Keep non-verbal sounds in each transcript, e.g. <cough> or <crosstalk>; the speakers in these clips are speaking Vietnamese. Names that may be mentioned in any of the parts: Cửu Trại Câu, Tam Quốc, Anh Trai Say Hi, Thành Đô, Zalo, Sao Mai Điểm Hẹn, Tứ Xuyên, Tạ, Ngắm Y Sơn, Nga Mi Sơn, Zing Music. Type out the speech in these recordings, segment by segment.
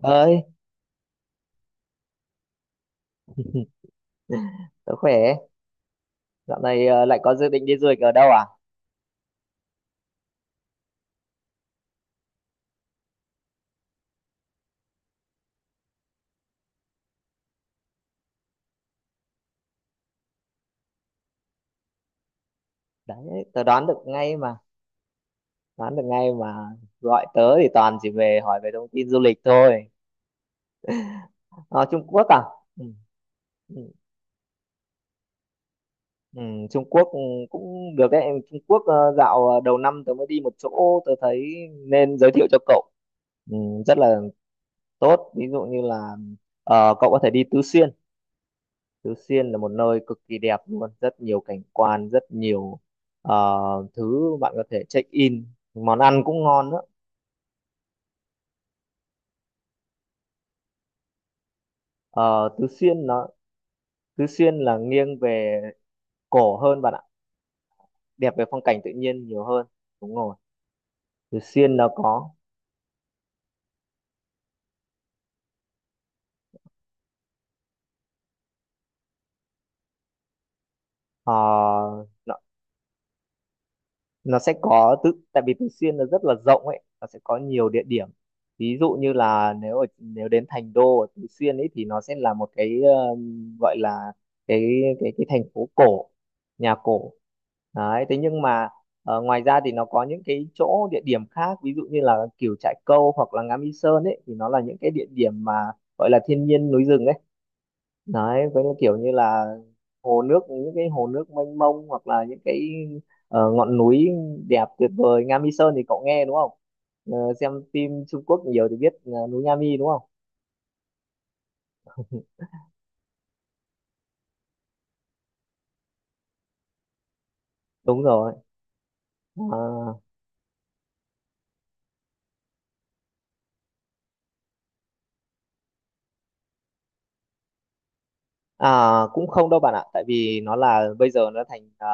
Ơi, tớ khỏe. Dạo này lại có dự định đi du lịch ở đâu à? Đấy, tớ đoán được ngay mà. Đoán được ngay mà, gọi tớ thì toàn chỉ về hỏi về thông tin du lịch thôi. Ờ, Trung Quốc à? Ừ, ừ, ừ, Trung Quốc cũng được đấy. Trung Quốc, đầu năm tớ mới đi một chỗ tớ thấy nên giới thiệu cho cậu, ừ, rất là tốt. Ví dụ như là cậu có thể đi Tứ Xuyên. Tứ Xuyên là một nơi cực kỳ đẹp luôn, rất nhiều cảnh quan, rất nhiều ờ, thứ bạn có thể check in. Món ăn cũng ngon nữa. Ờ, Tứ Xuyên nó Tứ Xuyên là nghiêng về cổ hơn bạn ạ, đẹp về phong cảnh tự nhiên nhiều hơn. Đúng rồi. Tứ Xuyên nó có, ờ, nó sẽ có. Tự tại vì Tứ Xuyên nó rất là rộng ấy, nó sẽ có nhiều địa điểm. Ví dụ như là nếu đến Thành Đô ở Tứ Xuyên ấy thì nó sẽ là một cái, gọi là cái cái thành phố cổ, nhà cổ. Đấy, thế nhưng mà ngoài ra thì nó có những cái chỗ, địa điểm khác, ví dụ như là Cửu Trại Câu hoặc là Ngắm Y Sơn ấy, thì nó là những cái địa điểm mà gọi là thiên nhiên núi rừng ấy. Đấy, với những kiểu như là hồ nước, những cái hồ nước mênh mông, hoặc là những cái ngọn núi đẹp tuyệt vời. Nga Mi Sơn thì cậu nghe đúng không? Xem phim Trung Quốc nhiều thì biết núi Nga Mi đúng không? Đúng rồi. Ờ, À, cũng không đâu bạn ạ, tại vì nó là bây giờ nó thành,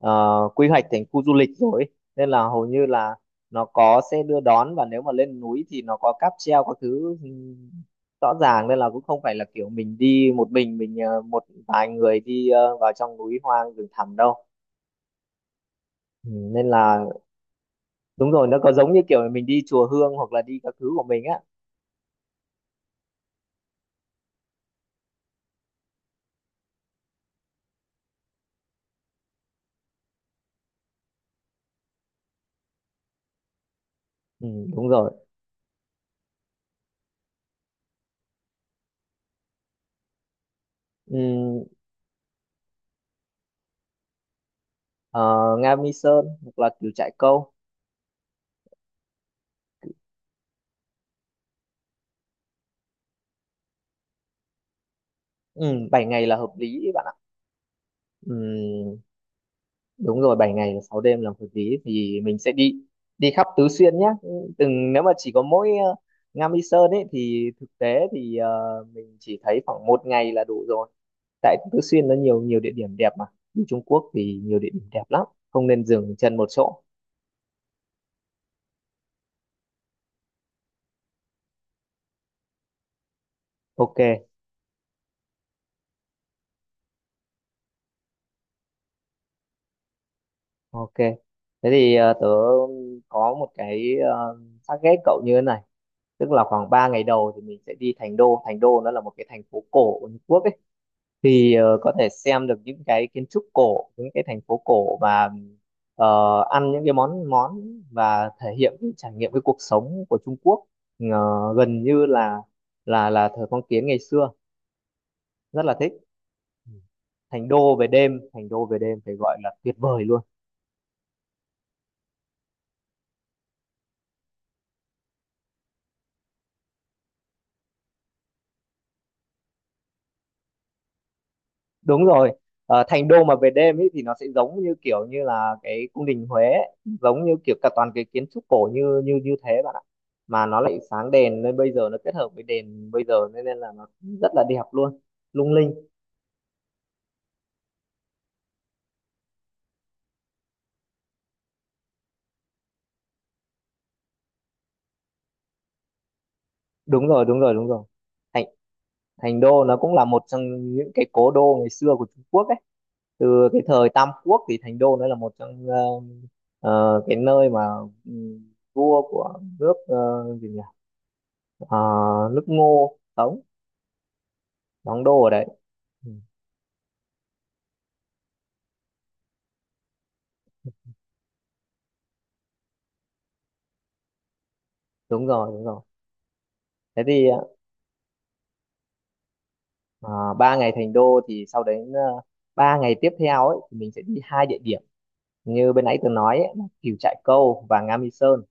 à, quy hoạch thành khu du lịch rồi ấy. Nên là hầu như là nó có xe đưa đón, và nếu mà lên núi thì nó có cáp treo các thứ, rõ ràng. Nên là cũng không phải là kiểu mình đi một mình một vài người đi vào trong núi hoang rừng thẳm đâu. Ừ, nên là đúng rồi, nó có giống như kiểu mình đi chùa Hương hoặc là đi các thứ của mình á. Ừ, đúng rồi. Ừ, ờ, Nga Mi Sơn hoặc là kiểu trại câu. Ừ, 7 ngày là hợp lý bạn ạ. Ừm, Đúng rồi, 7 ngày 6 đêm làm hợp lý, thì mình sẽ đi đi khắp Tứ Xuyên nhé. Từng nếu mà chỉ có mỗi Nga Mi Sơn ấy thì thực tế thì mình chỉ thấy khoảng một ngày là đủ rồi. Tại Tứ Xuyên nó nhiều, nhiều địa điểm đẹp mà. Đi Trung Quốc thì nhiều địa điểm đẹp lắm, không nên dừng chân một chỗ. OK. OK, thế thì tớ có một cái, target cậu như thế này. Tức là khoảng 3 ngày đầu thì mình sẽ đi Thành Đô. Thành Đô nó là một cái thành phố cổ của Trung Quốc ấy. Thì có thể xem được những cái kiến trúc cổ, những cái thành phố cổ, và ờ, ăn những cái món món, và thể hiện cái trải nghiệm, cái cuộc sống của Trung Quốc, ờ, gần như là thời phong kiến ngày xưa, rất là thích. Thành Đô về đêm, Thành Đô về đêm phải gọi là tuyệt vời luôn. Đúng rồi. Thành Đô mà về đêm ấy thì nó sẽ giống như kiểu như là cái cung đình Huế ấy. Giống như kiểu cả toàn cái kiến trúc cổ như như như thế bạn ạ, mà nó lại sáng đèn nên bây giờ nó kết hợp với đèn bây giờ, nên nên là nó rất là đẹp luôn, lung linh. Đúng rồi, đúng rồi, đúng rồi. Thành thành Đô nó cũng là một trong những cái cố đô ngày xưa của Trung Quốc ấy. Từ cái thời Tam Quốc thì Thành Đô nó là một trong cái nơi mà, ừ, vua của nước, gì nhỉ. Ờ, Nước Ngô sống, đóng đô ở đấy. Ừ. Đúng rồi, đúng rồi. Thế thì à, 3 ngày Thành Đô thì sau đấy 3 ngày tiếp theo ấy thì mình sẽ đi hai địa điểm. Như bên nãy tường nói ấy, là Cửu Trại Câu và Nga Mi Sơn,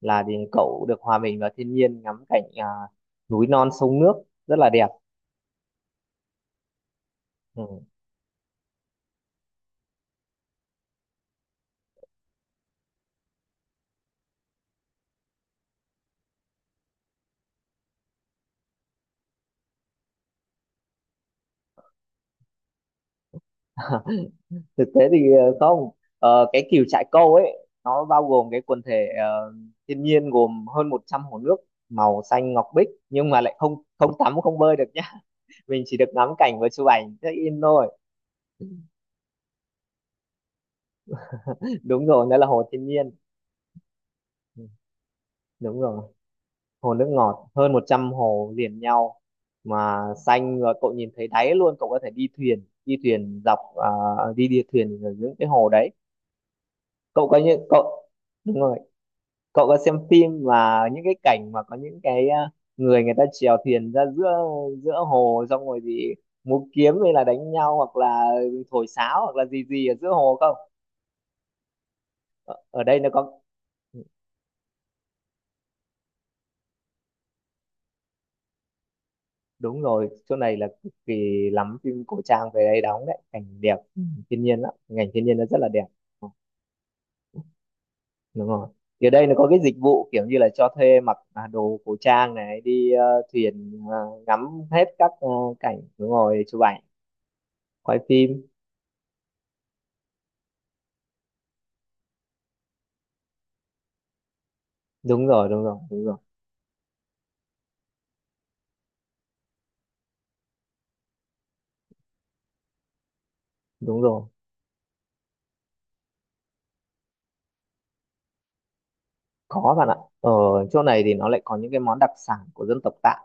là thì cậu được hòa mình vào thiên nhiên, ngắm cảnh núi non sông nước rất là đẹp. Ừ. <laughs> Thực tế thì không. Cái Cửu Trại Câu ấy nó bao gồm cái quần thể thiên nhiên, gồm hơn 100 hồ nước màu xanh ngọc bích, nhưng mà lại không không tắm, không bơi được nhá, mình chỉ được ngắm cảnh và chụp ảnh check in thôi. Đúng rồi, đó là hồ thiên nhiên. Ừ, đúng rồi, hồ nước ngọt, hơn 100 hồ liền nhau, mà xanh và cậu nhìn thấy đáy luôn. Cậu có thể đi thuyền, đi thuyền dọc, đi đi thuyền ở những cái hồ đấy. Cậu có những cậu đúng rồi. Cậu có xem phim mà những cái cảnh mà có những cái người người ta chèo thuyền ra giữa giữa hồ, xong rồi thì múa kiếm hay là đánh nhau hoặc là thổi sáo hoặc là gì gì ở giữa hồ không? Ở đây nó có, đúng rồi, chỗ này là cực kỳ lắm phim cổ trang về đây đóng đấy, cảnh đẹp, thiên nhiên lắm, cảnh thiên nhiên nó rất là đẹp. Ừ, đúng rồi. Thì ở đây nó có cái dịch vụ kiểu như là cho thuê mặc đồ cổ trang, này đi thuyền, ngắm hết các cảnh, đúng rồi, chụp ảnh, quay phim. Đúng rồi, đúng rồi, đúng rồi, đúng rồi. Có bạn ạ. Ở chỗ này thì nó lại có những cái món đặc sản của dân tộc Tạ.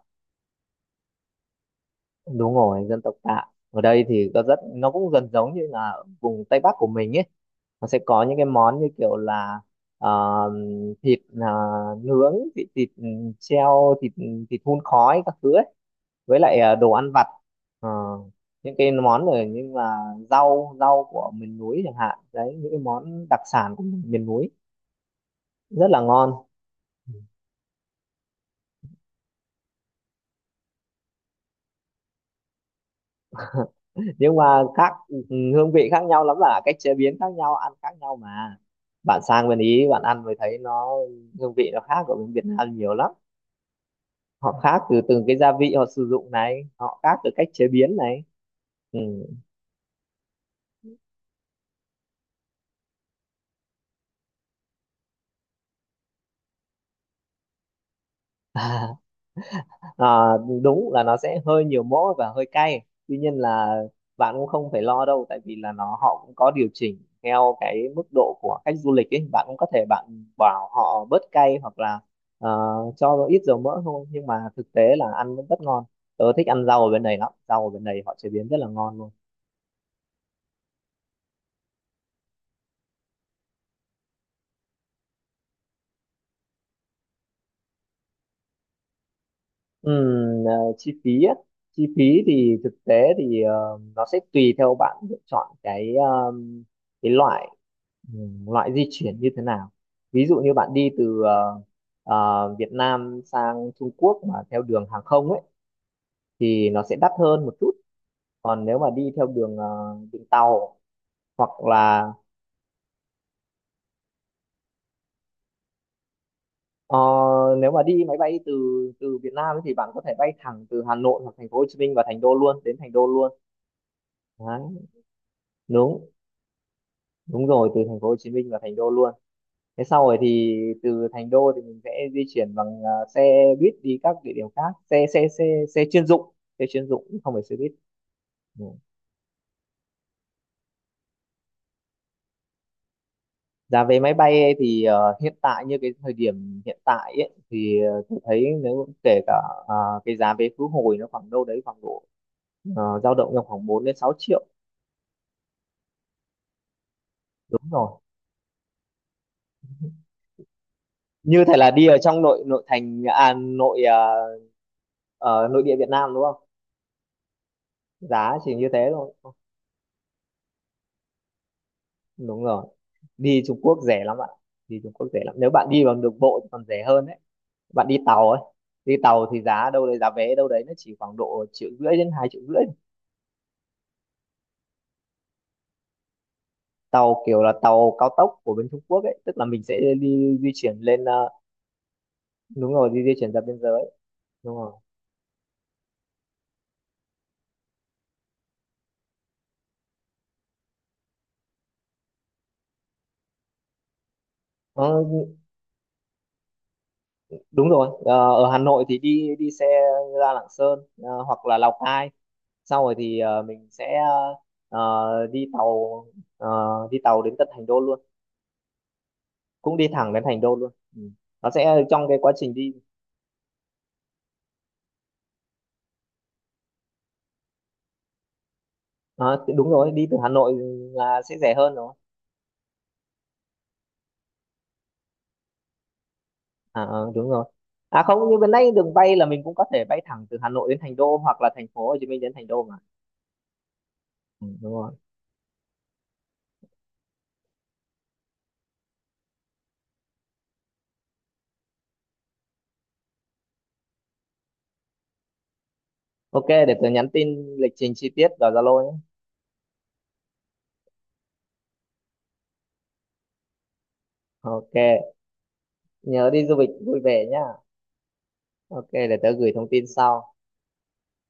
Đúng rồi, dân tộc Tạ. Ở đây thì có rất, nó cũng gần giống như là vùng Tây Bắc của mình ấy, nó sẽ có những cái món như kiểu là ờ, thịt nướng, thịt thịt ừ, treo, thịt thịt hun khói các thứ ấy, với lại đồ ăn vặt. Ờ, những cái món rồi, nhưng là rau rau của miền núi chẳng hạn đấy, những cái món đặc sản của miền núi rất là ngon. Nhưng mà khác, hương vị khác nhau lắm, là cách chế biến khác nhau, ăn khác nhau mà. Bạn sang bên Ý bạn ăn mới thấy nó, hương vị nó khác của bên Việt Nam nhiều lắm. Họ khác từ từng cái gia vị họ sử dụng này, họ khác từ cách chế biến này. Ừ. <laughs> À, đúng là nó sẽ hơi nhiều mỡ và hơi cay, tuy nhiên là bạn cũng không phải lo đâu, tại vì là nó họ cũng có điều chỉnh theo cái mức độ của khách du lịch ấy, bạn cũng có thể bạn bảo họ bớt cay hoặc là ờ, cho ít dầu mỡ thôi, nhưng mà thực tế là ăn vẫn rất ngon. Tớ thích ăn rau ở bên này lắm, rau ở bên này họ chế biến rất là ngon luôn. Ừm, à, Chi phí á. Chi phí thì thực tế thì nó sẽ tùy theo bạn lựa chọn cái, cái loại, loại di chuyển như thế nào. Ví dụ như bạn đi từ Việt Nam sang Trung Quốc mà theo đường hàng không ấy thì nó sẽ đắt hơn một chút. Còn nếu mà đi theo đường đường tàu, hoặc là ờ, nếu mà đi máy bay từ từ Việt Nam ấy thì bạn có thể bay thẳng từ Hà Nội hoặc thành phố Hồ Chí Minh và thành đô luôn, đến Thành Đô luôn. Đấy, đúng. Đúng rồi, từ thành phố Hồ Chí Minh vào Thành Đô luôn. Thế sau rồi thì từ Thành Đô thì mình sẽ di chuyển bằng xe buýt đi các địa điểm khác, xe xe xe xe chuyên dụng, xe chuyên dụng không phải xe buýt. Ừ. Giá vé máy bay ấy thì hiện tại như cái thời điểm hiện tại ấy thì tôi thấy nếu kể cả à, cái giá vé khứ hồi nó khoảng đâu đấy, khoảng độ dao động trong khoảng 4 đến 6 triệu. Đúng rồi. Như thể là đi ở trong nội nội thành à, nội địa Việt Nam đúng không? Giá chỉ như thế thôi. Đúng rồi, đi Trung Quốc rẻ lắm ạ. Đi Trung Quốc rẻ lắm, nếu bạn đi bằng đường bộ thì còn rẻ hơn đấy, bạn đi tàu ấy, đi tàu thì giá đâu đấy, giá vé đâu đấy, nó chỉ khoảng độ 1,5 đến 2,5 triệu. Tàu kiểu là tàu cao tốc của bên Trung Quốc ấy, tức là mình sẽ đi di chuyển lên, đúng rồi, đi di chuyển ra biên giới. Đúng rồi. Ờ, Đúng rồi. Ờ, Ở Hà Nội thì đi đi xe ra Lạng Sơn, hoặc là Lào Cai, sau rồi thì mình sẽ đi tàu, ờ, đi tàu đến tận Thành Đô luôn, cũng đi thẳng đến Thành Đô luôn. Ừ. Nó sẽ trong cái quá trình đi, à, đúng rồi, đi từ Hà Nội là sẽ rẻ hơn rồi. À, đúng rồi. À không, như bên đây đường bay là mình cũng có thể bay thẳng từ Hà Nội đến Thành Đô hoặc là thành phố Hồ Chí Minh đến Thành Đô mà. Ừ, đúng rồi. OK, để tớ nhắn tin lịch trình chi tiết vào Zalo nhé. OK, nhớ đi du lịch vui vẻ nhá. OK, để tớ gửi thông tin sau.